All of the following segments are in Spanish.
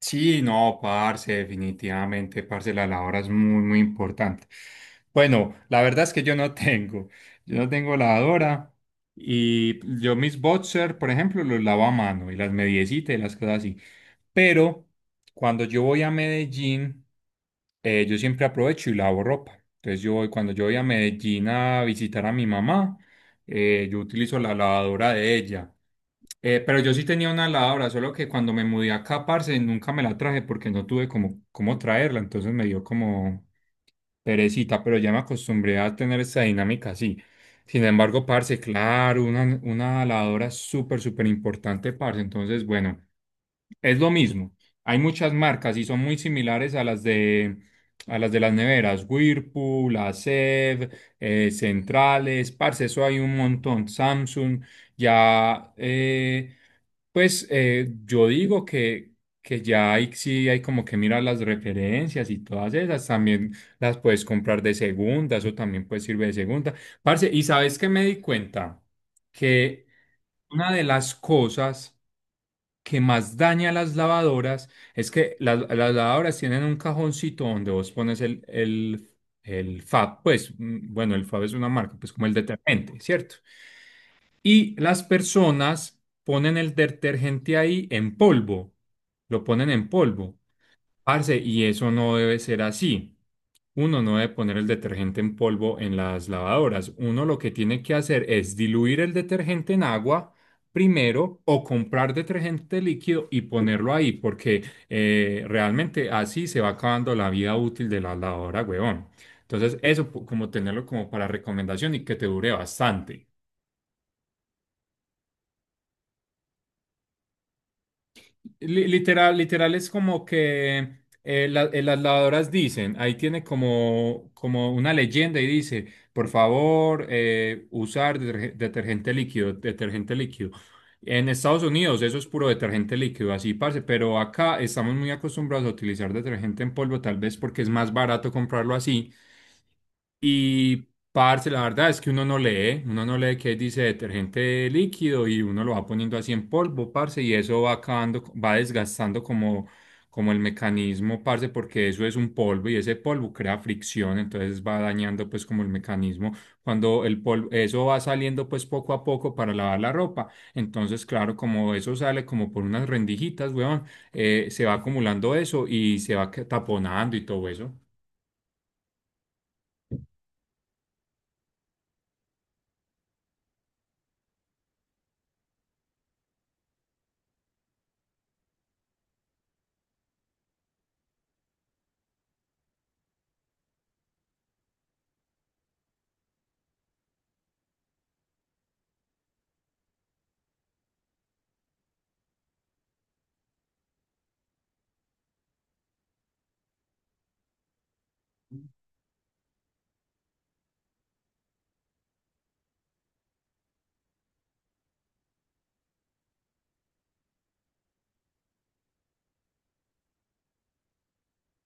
Sí, no, parce, definitivamente, parce, la labor es muy, muy importante. Bueno, la verdad es que yo no tengo, yo no tengo lavadora y yo mis boxer, por ejemplo, los lavo a mano y las mediecitas y las cosas así. Pero cuando yo voy a Medellín, yo siempre aprovecho y lavo ropa. Entonces yo voy, cuando yo voy a Medellín a visitar a mi mamá, yo utilizo la lavadora de ella. Pero yo sí tenía una lavadora, solo que cuando me mudé acá, parce, nunca me la traje porque no tuve como cómo traerla, entonces me dio como, perecita, pero ya me acostumbré a tener esta dinámica así. Sin embargo, parce, claro, una lavadora súper, súper importante, parce. Entonces, bueno, es lo mismo. Hay muchas marcas y son muy similares a a las de las neveras. Whirlpool, Acer, Centrales, parce, eso hay un montón. Samsung, ya, yo digo que ya hay, sí hay como que mirar las referencias y todas esas. También las puedes comprar de segunda, eso también puede servir de segunda. Parce, ¿y sabes qué me di cuenta? Que una de las cosas que más daña a las lavadoras es que las lavadoras tienen un cajoncito donde vos pones el FAB, pues bueno, el FAB es una marca, pues como el detergente, ¿cierto? Y las personas ponen el detergente ahí en polvo, lo ponen en polvo. Parce, y eso no debe ser así. Uno no debe poner el detergente en polvo en las lavadoras. Uno lo que tiene que hacer es diluir el detergente en agua primero o comprar detergente líquido y ponerlo ahí, porque realmente así se va acabando la vida útil de la lavadora, huevón. Entonces, como tenerlo como para recomendación y que te dure bastante. Literal, literal es como que las lavadoras dicen, ahí tiene como, como una leyenda y dice, por favor, usar detergente líquido, detergente líquido. En Estados Unidos eso es puro detergente líquido, así parce, pero acá estamos muy acostumbrados a utilizar detergente en polvo, tal vez porque es más barato comprarlo así y, parce, la verdad es que uno no lee qué dice detergente líquido y uno lo va poniendo así en polvo, parce, y eso va acabando, va desgastando como, como el mecanismo, parce, porque eso es un polvo y ese polvo crea fricción, entonces va dañando pues como el mecanismo. Cuando el polvo, eso va saliendo pues poco a poco para lavar la ropa, entonces claro, como eso sale como por unas rendijitas, weón, se va acumulando eso y se va taponando y todo eso.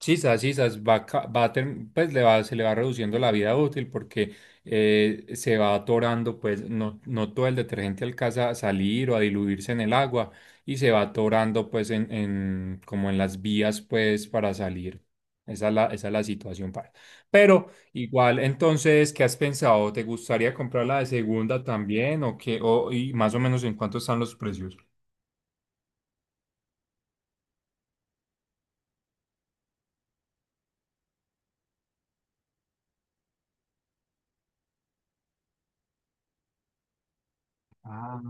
Sisas, sisas, va, ca- va a term- pues le va, se le va reduciendo la vida útil porque se va atorando, pues no, no todo el detergente alcanza a salir o a diluirse en el agua y se va atorando pues como en las vías pues para salir. Esa es la situación para. Pero igual, entonces, ¿qué has pensado? ¿Te gustaría comprar la de segunda también o qué? ¿O, y más o menos en cuánto están los precios? Ah,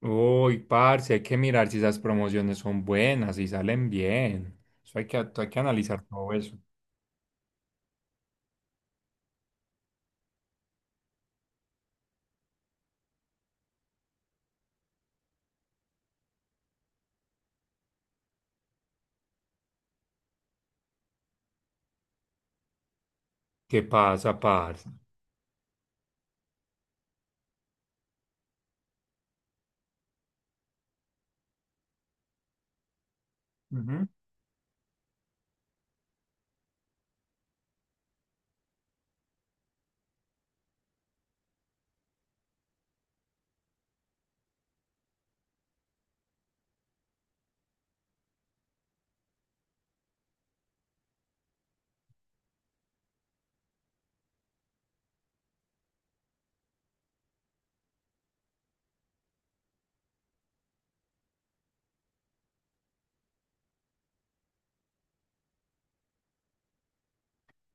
uy, parce, hay que mirar si esas promociones son buenas, si salen bien. Eso hay que analizar todo eso. ¿Qué pasa, parce? Ujú.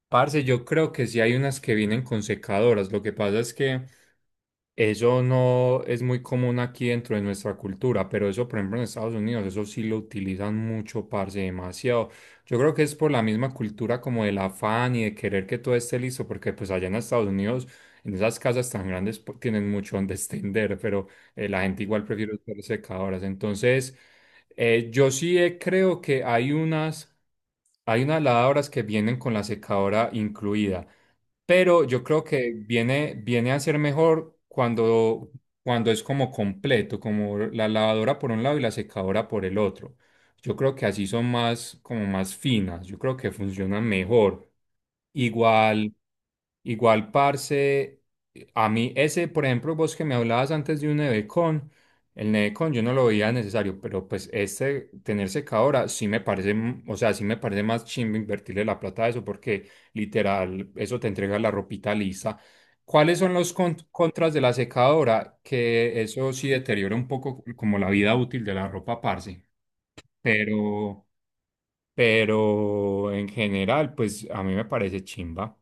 Parce, yo creo que sí hay unas que vienen con secadoras. Lo que pasa es que eso no es muy común aquí dentro de nuestra cultura, pero eso, por ejemplo, en Estados Unidos, eso sí lo utilizan mucho, parce, demasiado. Yo creo que es por la misma cultura como del afán y de querer que todo esté listo, porque pues allá en Estados Unidos, en esas casas tan grandes, pues, tienen mucho donde extender, pero la gente igual prefiere usar secadoras. Entonces, yo sí creo que hay unas. Hay unas lavadoras que vienen con la secadora incluida, pero yo creo que viene a ser mejor cuando, cuando es como completo, como la lavadora por un lado y la secadora por el otro. Yo creo que así son más, como más finas, yo creo que funcionan mejor. Igual. Igual, parce, a mí ese, por ejemplo, vos que me hablabas antes de un Nevecon, el Nevecon yo no lo veía necesario, pero pues este tener secadora sí me parece, o sea, sí me parece más chimbo invertirle la plata a eso porque literal eso te entrega la ropita lisa. ¿Cuáles son los contras de la secadora? Que eso sí deteriora un poco como la vida útil de la ropa, parce, pero, pero en general, pues a mí me parece chimba.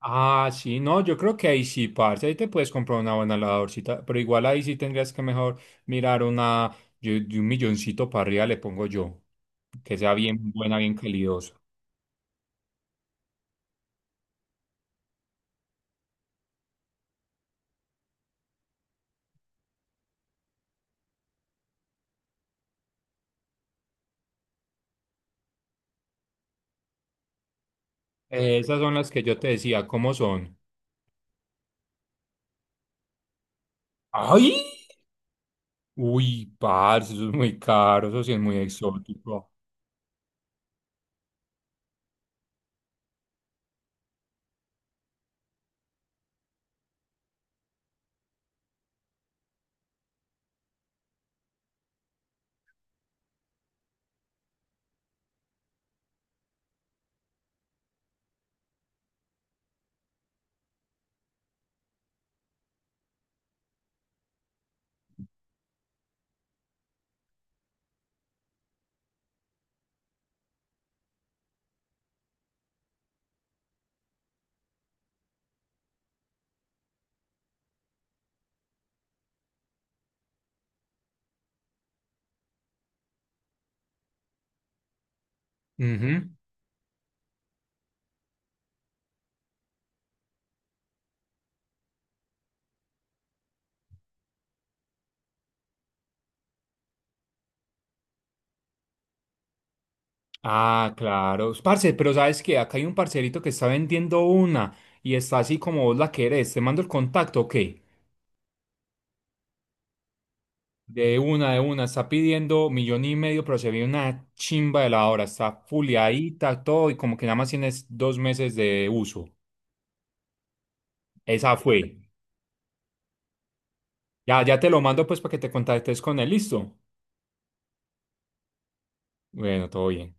Ah, sí, no, yo creo que ahí sí, parce, ahí te puedes comprar una buena lavadorcita, pero igual ahí sí tendrías que mejor mirar una, yo de un milloncito para arriba le pongo yo, que sea bien buena, bien calidosa. Esas son las que yo te decía, ¿cómo son? ¡Ay! Uy, parce, eso es muy caro, eso sí es muy exótico. Ujú. Ah, claro. Parce, pero ¿sabes qué? Acá hay un parcerito que está vendiendo una y está así como vos la querés, ¿te mando el contacto o qué? De una, está pidiendo 1,500,000, pero se ve una chimba de la hora, está fuliadita, todo, y como que nada más tienes 2 meses de uso. Esa fue. Ya, ya te lo mando pues para que te contactes con él, listo. Bueno, todo bien.